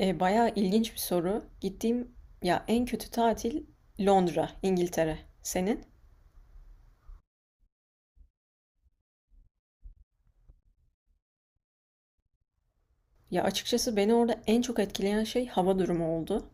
Bayağı ilginç bir soru. Gittiğim ya en kötü tatil Londra, İngiltere. Senin? Ya açıkçası beni orada en çok etkileyen şey hava durumu oldu.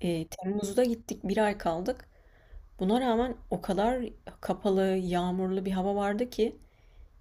Temmuz'da gittik, bir ay kaldık. Buna rağmen o kadar kapalı, yağmurlu bir hava vardı ki.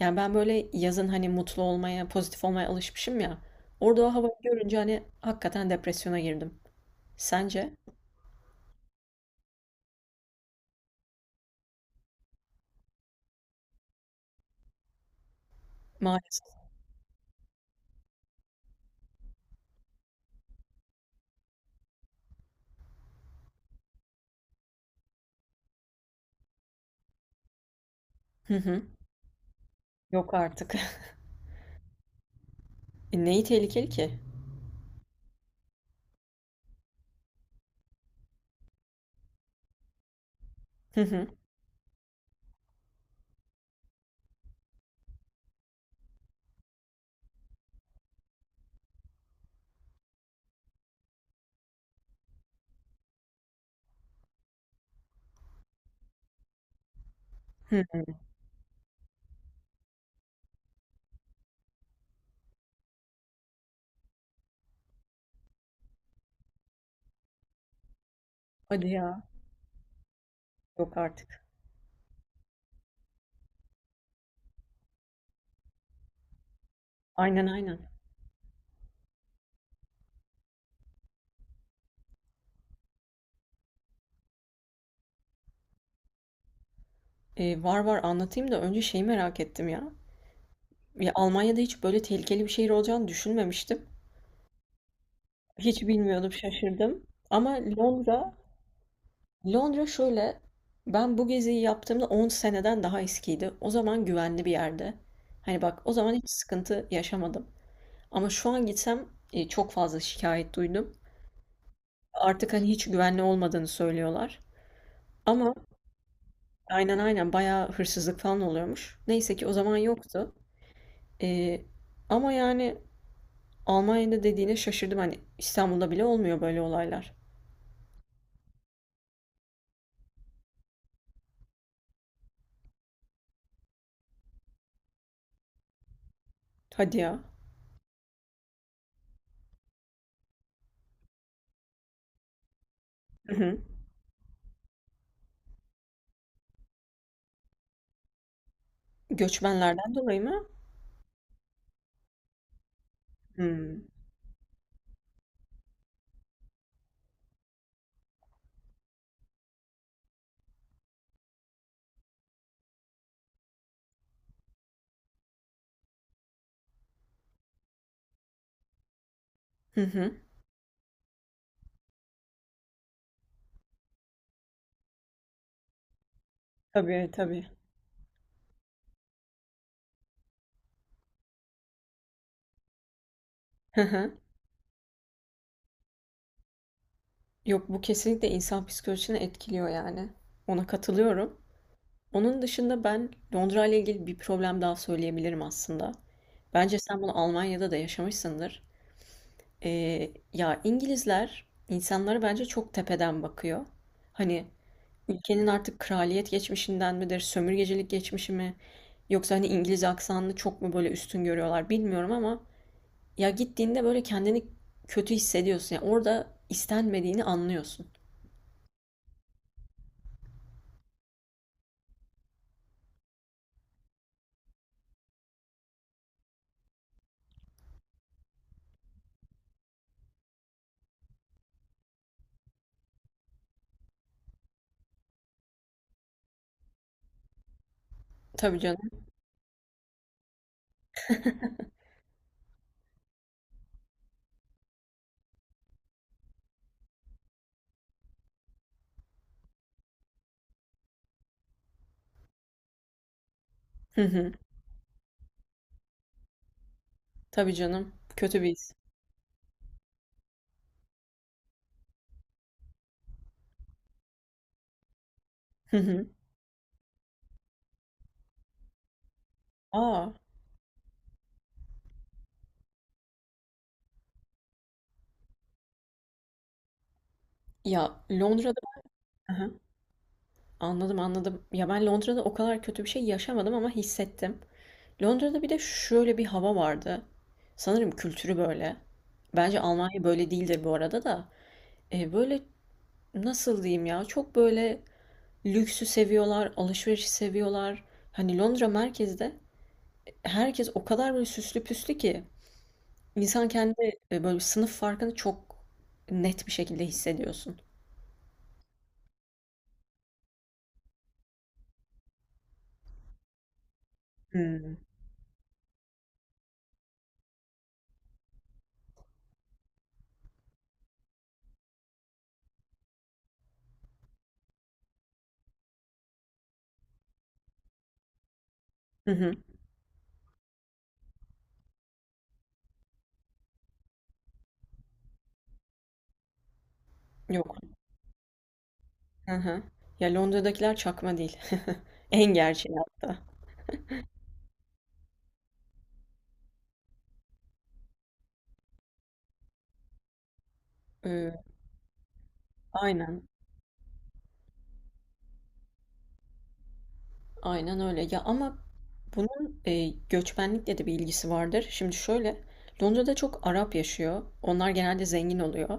Yani ben böyle yazın hani mutlu olmaya, pozitif olmaya alışmışım ya. Orada o havayı görünce hani hakikaten depresyona girdim. Sence? Maalesef. Hı hı. Yok artık. Neyi tehlikeli ki? Hı hı. Hı. Hadi ya. Yok artık. Aynen aynen. Var var anlatayım da önce şeyi merak ettim ya. Ya Almanya'da hiç böyle tehlikeli bir şehir olacağını düşünmemiştim. Hiç bilmiyordum, şaşırdım. Ama Londra, Londra şöyle, ben bu geziyi yaptığımda 10 seneden daha eskiydi. O zaman güvenli bir yerde. Hani bak o zaman hiç sıkıntı yaşamadım. Ama şu an gitsem çok fazla şikayet duydum. Artık hani hiç güvenli olmadığını söylüyorlar. Ama aynen aynen bayağı hırsızlık falan oluyormuş. Neyse ki o zaman yoktu. Eee, ama yani Almanya'da dediğine şaşırdım. Hani İstanbul'da bile olmuyor böyle olaylar. Hadi ya. Hı hı. Göçmenlerden dolayı mı? Hmm. Hı hı. Tabii tabii. Hı hı. Yok, bu kesinlikle insan psikolojisini etkiliyor yani. Ona katılıyorum. Onun dışında ben Londra ile ilgili bir problem daha söyleyebilirim aslında. Bence sen bunu Almanya'da da yaşamışsındır. Ya İngilizler insanlara bence çok tepeden bakıyor. Hani ülkenin artık kraliyet geçmişinden midir, sömürgecilik geçmişi mi? Yoksa hani İngiliz aksanını çok mu böyle üstün görüyorlar bilmiyorum ama ya gittiğinde böyle kendini kötü hissediyorsun. Yani orada istenmediğini anlıyorsun. Tabii canım. Hı hı. Tabii canım. Kötü bir his. Hı hı. Aa. Ya Londra'da. Hı hı. Anladım anladım. Ya ben Londra'da o kadar kötü bir şey yaşamadım ama hissettim. Londra'da bir de şöyle bir hava vardı. Sanırım kültürü böyle. Bence Almanya böyle değildir bu arada da. Böyle, nasıl diyeyim ya, çok böyle lüksü seviyorlar, alışverişi seviyorlar. Hani Londra merkezde herkes o kadar böyle süslü püslü ki insan kendi, böyle sınıf farkını çok net bir şekilde hissediyorsun. Hımm. Hı hı. Yok. Hı hı. Ya, Londra'dakiler çakma değil. En gerçeği hatta. Eee, aynen, aynen öyle. Ya, ama bunun göçmenlikle de bir ilgisi vardır. Şimdi şöyle, Londra'da çok Arap yaşıyor. Onlar genelde zengin oluyor.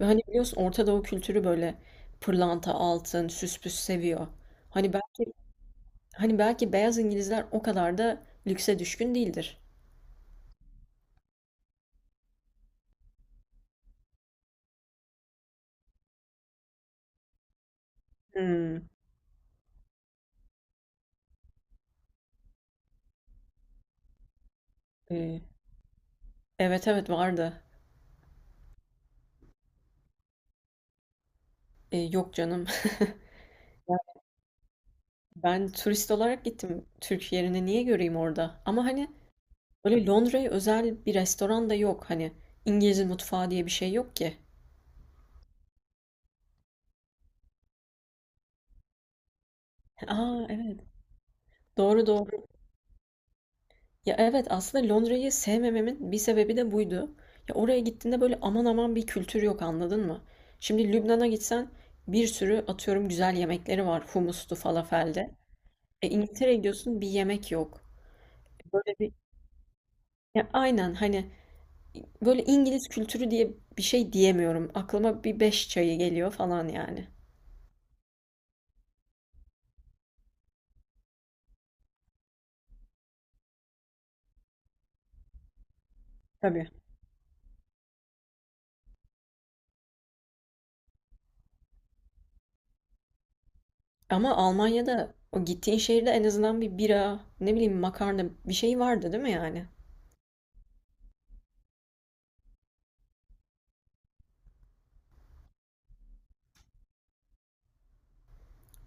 Ve hani biliyorsun Orta Doğu kültürü böyle pırlanta, altın, süspüs seviyor. Hani belki hani belki beyaz İngilizler o kadar da lükse düşkün değildir. Hmm. Ee, evet evet vardı. Yok canım. Ben turist olarak gittim. Türk yerini niye göreyim orada? Ama hani böyle Londra'ya özel bir restoran da yok. Hani İngiliz mutfağı diye bir şey yok ki. Aa evet. Doğru doğru. Ya evet aslında Londra'yı sevmememin bir sebebi de buydu. Ya oraya gittiğinde böyle aman aman bir kültür yok anladın mı? Şimdi Lübnan'a gitsen bir sürü atıyorum güzel yemekleri var, humustu falafelde. E İngiltere'ye gidiyorsun bir yemek yok. Böyle bir ya aynen hani böyle İngiliz kültürü diye bir şey diyemiyorum. Aklıma bir beş çayı geliyor falan yani. Tabii. Ama Almanya'da o gittiğin şehirde en azından bir bira, ne bileyim makarna bir şey vardı değil mi yani?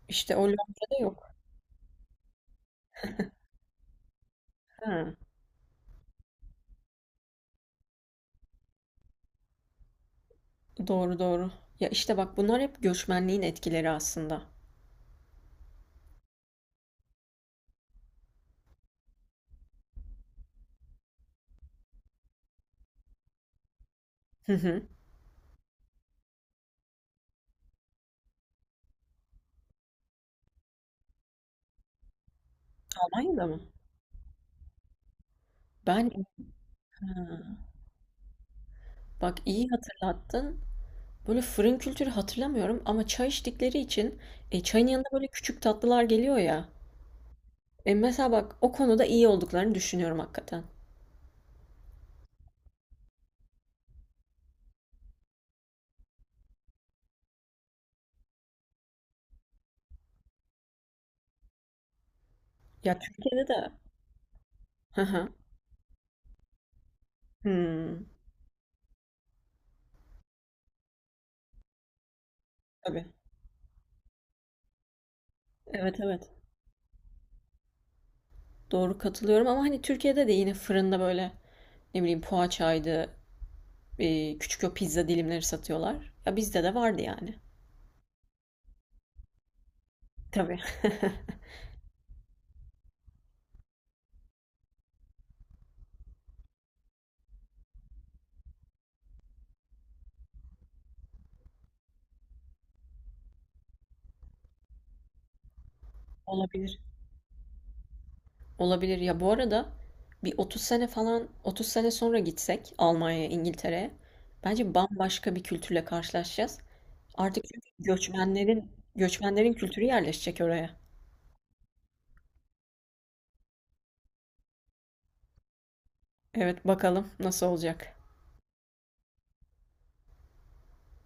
İşte o Londra'da yok. Ha. Doğru doğru. Ya işte bak bunlar hep göçmenliğin etkileri aslında. Hı hı. Almanya'da mı? Ben ha, bak iyi hatırlattın. Böyle fırın kültürü hatırlamıyorum ama çay içtikleri için çayın yanında böyle küçük tatlılar geliyor ya. Mesela bak o konuda iyi olduklarını düşünüyorum hakikaten. Ya Türkiye'de de. Hı hı. Hmm, tabii. Evet evet. Doğru katılıyorum ama hani Türkiye'de de yine fırında böyle ne bileyim poğaçaydı, küçük o pizza dilimleri satıyorlar. Ya bizde de vardı yani. Tabii. Olabilir. Olabilir. Ya bu arada bir 30 sene falan 30 sene sonra gitsek Almanya'ya, İngiltere'ye bence bambaşka bir kültürle karşılaşacağız. Artık çünkü göçmenlerin kültürü yerleşecek oraya. Evet bakalım nasıl olacak.